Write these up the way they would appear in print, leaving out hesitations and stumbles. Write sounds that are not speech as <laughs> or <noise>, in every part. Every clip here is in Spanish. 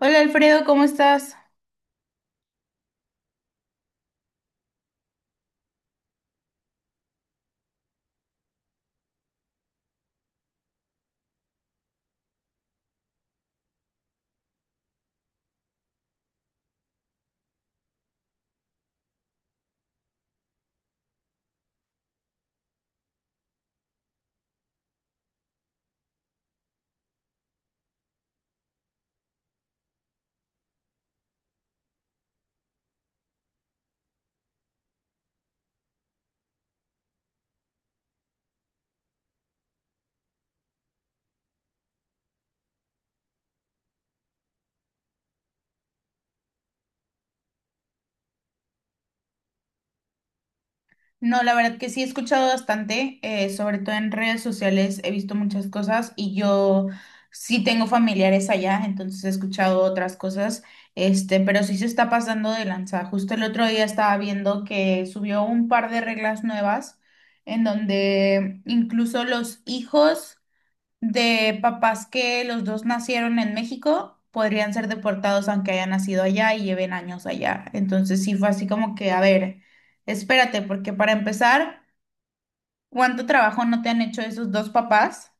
Hola Alfredo, ¿cómo estás? No, la verdad que sí he escuchado bastante, sobre todo en redes sociales he visto muchas cosas y yo sí tengo familiares allá, entonces he escuchado otras cosas, pero sí se está pasando de lanza. Justo el otro día estaba viendo que subió un par de reglas nuevas en donde incluso los hijos de papás que los dos nacieron en México, podrían ser deportados aunque hayan nacido allá y lleven años allá. Entonces sí fue así como que, a ver, espérate, porque para empezar... ¿Cuánto trabajo no te han hecho esos dos papás?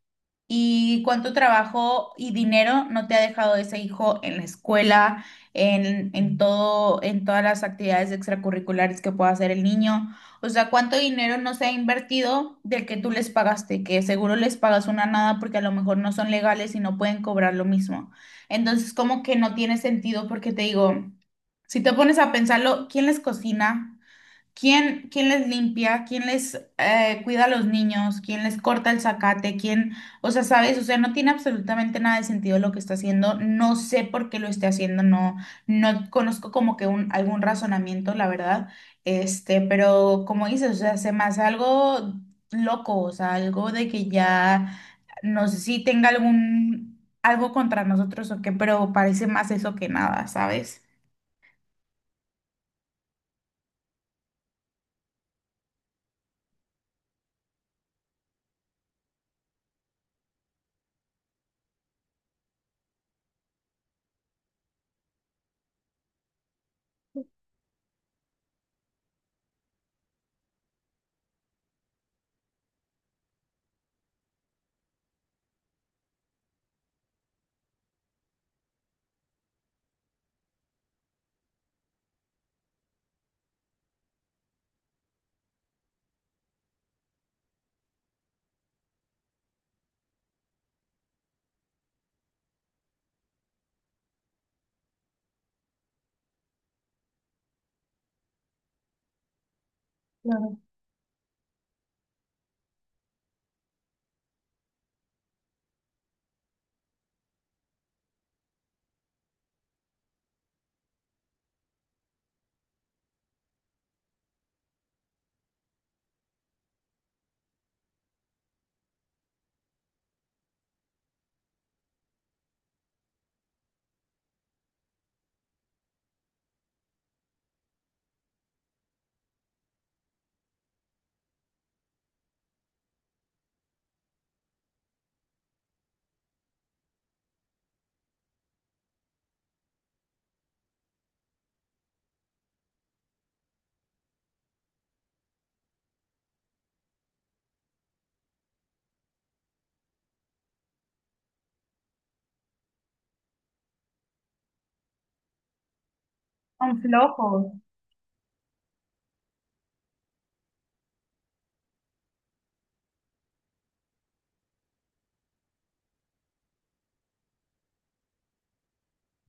¿Y cuánto trabajo y dinero no te ha dejado ese hijo en la escuela, en todo, en todas las actividades extracurriculares que pueda hacer el niño? O sea, ¿cuánto dinero no se ha invertido del que tú les pagaste? Que seguro les pagas una nada porque a lo mejor no son legales y no pueden cobrar lo mismo. Entonces, como que no tiene sentido porque te digo, si te pones a pensarlo, ¿quién les cocina? ¿Quién les limpia? ¿Quién les cuida a los niños? ¿Quién les corta el zacate? ¿Quién, o sea, sabes? O sea, no tiene absolutamente nada de sentido lo que está haciendo. No sé por qué lo esté haciendo. No, no conozco como que un, algún razonamiento, la verdad. Este, pero como dices, o sea, se me hace algo loco, o sea, algo de que ya, no sé si tenga algún, algo contra nosotros o qué, pero parece más eso que nada, ¿sabes? Claro. Son flojos.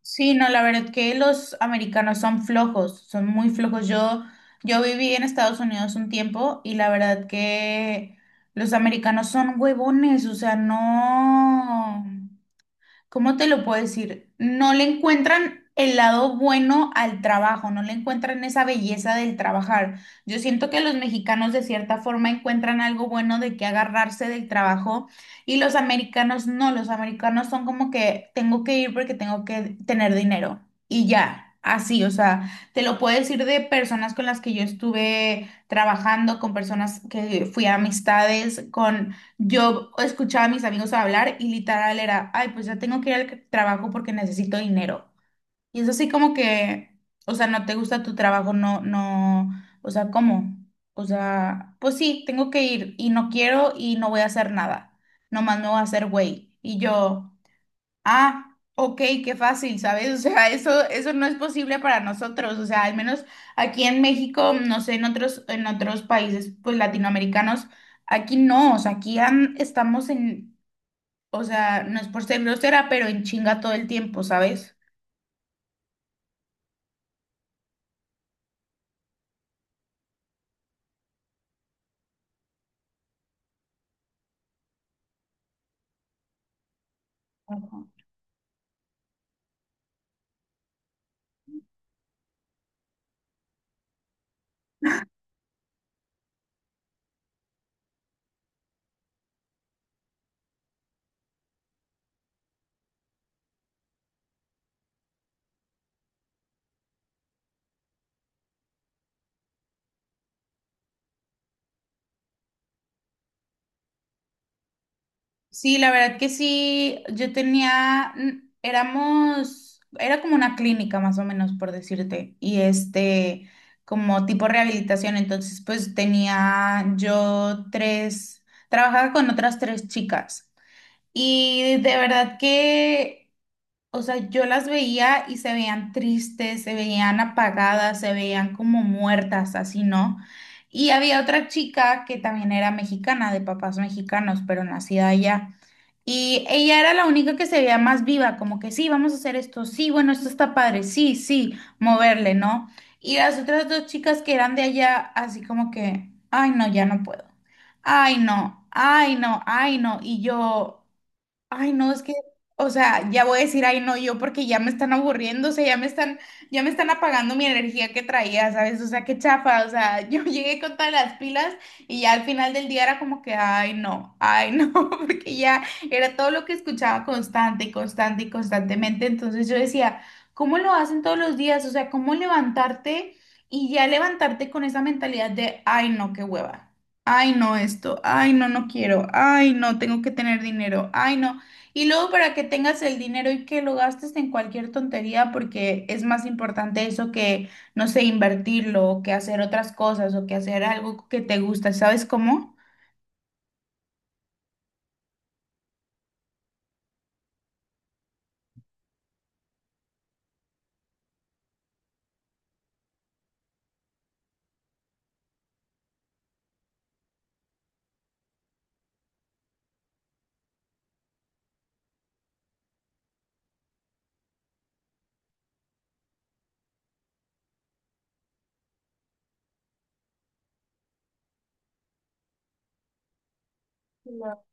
Sí, no, la verdad que los americanos son flojos, son muy flojos. Yo viví en Estados Unidos un tiempo y la verdad que los americanos son huevones, o sea, no. ¿Cómo te lo puedo decir? No le encuentran el lado bueno al trabajo, no le encuentran esa belleza del trabajar. Yo siento que los mexicanos de cierta forma encuentran algo bueno de que agarrarse del trabajo y los americanos no, los americanos son como que tengo que ir porque tengo que tener dinero y ya. Así, o sea, te lo puedo decir de personas con las que yo estuve trabajando, con personas que fui a amistades, con yo escuchaba a mis amigos hablar y literal era, ay, pues ya tengo que ir al trabajo porque necesito dinero. Y es así como que, o sea, no te gusta tu trabajo, no, no, o sea, ¿cómo? O sea, pues sí, tengo que ir y no quiero y no voy a hacer nada. Nomás me voy a hacer güey. Y yo, ah, ok, qué fácil, ¿sabes? O sea, eso no es posible para nosotros. O sea, al menos aquí en México, no sé, en otros países, pues latinoamericanos, aquí no, o sea, aquí estamos en, o sea, no es por ser grosera, pero en chinga todo el tiempo, ¿sabes? Sí, la verdad que sí, yo tenía, éramos, era como una clínica más o menos, por decirte, y como tipo rehabilitación, entonces pues tenía yo tres, trabajaba con otras tres chicas y de verdad que, o sea, yo las veía y se veían tristes, se veían apagadas, se veían como muertas, así, ¿no? Y había otra chica que también era mexicana, de papás mexicanos, pero nacida allá. Y ella era la única que se veía más viva, como que sí, vamos a hacer esto, sí, bueno, esto está padre, sí, sí, moverle, ¿no? Y las otras dos chicas que eran de allá, así como que, ay, no, ya no puedo. Ay, no, ay, no, ay, no. Y yo, ay, no, es que, o sea, ya voy a decir, ay, no, yo porque ya me están aburriendo, o sea, ya me están apagando mi energía que traía, ¿sabes? O sea, qué chafa, o sea, <laughs> yo llegué con todas las pilas y ya al final del día era como que, ay, no, <laughs> porque ya era todo lo que escuchaba constantemente, entonces yo decía, ¿cómo lo hacen todos los días? O sea, ¿cómo levantarte y ya levantarte con esa mentalidad de, ay, no, qué hueva? Ay, no, esto. Ay, no, no quiero. Ay, no, tengo que tener dinero. Ay, no. Y luego para que tengas el dinero y que lo gastes en cualquier tontería, porque es más importante eso que, no sé, invertirlo, o que hacer otras cosas, o que hacer algo que te gusta, ¿sabes cómo? Claro.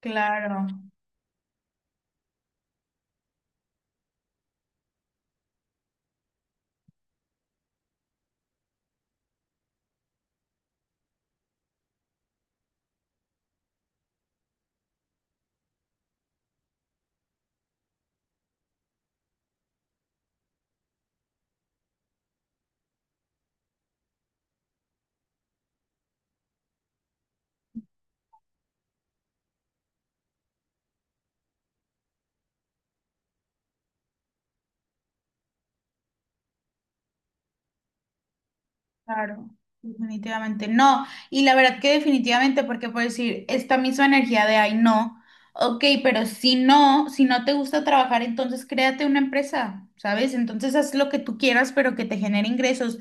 Claro, claro, definitivamente no. Y la verdad que definitivamente, porque por decir, esta misma energía de ay no, ok, pero si no te gusta trabajar, entonces créate una empresa, ¿sabes? Entonces haz lo que tú quieras, pero que te genere ingresos.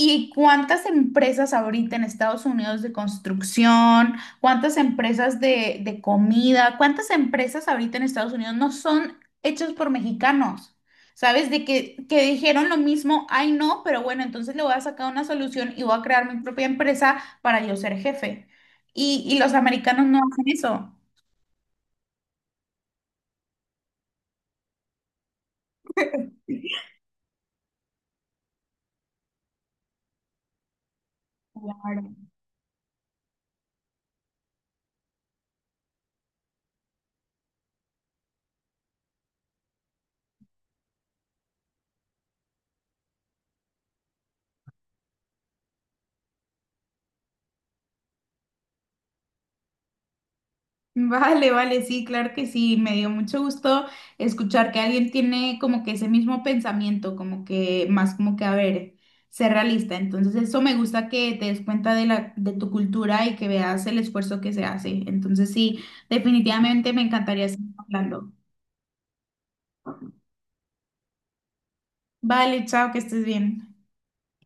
¿Y cuántas empresas ahorita en Estados Unidos de construcción, cuántas empresas de comida, cuántas empresas ahorita en Estados Unidos no son hechas por mexicanos? ¿Sabes? De que dijeron lo mismo, ay no, pero bueno, entonces le voy a sacar una solución y voy a crear mi propia empresa para yo ser jefe. Y los americanos no hacen eso. Claro. Vale, vale, sí, claro que sí. Me dio mucho gusto escuchar que alguien tiene como que ese mismo pensamiento, como que más como que, a ver, ser realista. Entonces, eso me gusta que te des cuenta de la, de tu cultura y que veas el esfuerzo que se hace. Entonces, sí, definitivamente me encantaría seguir hablando. Vale, chao, que estés bien.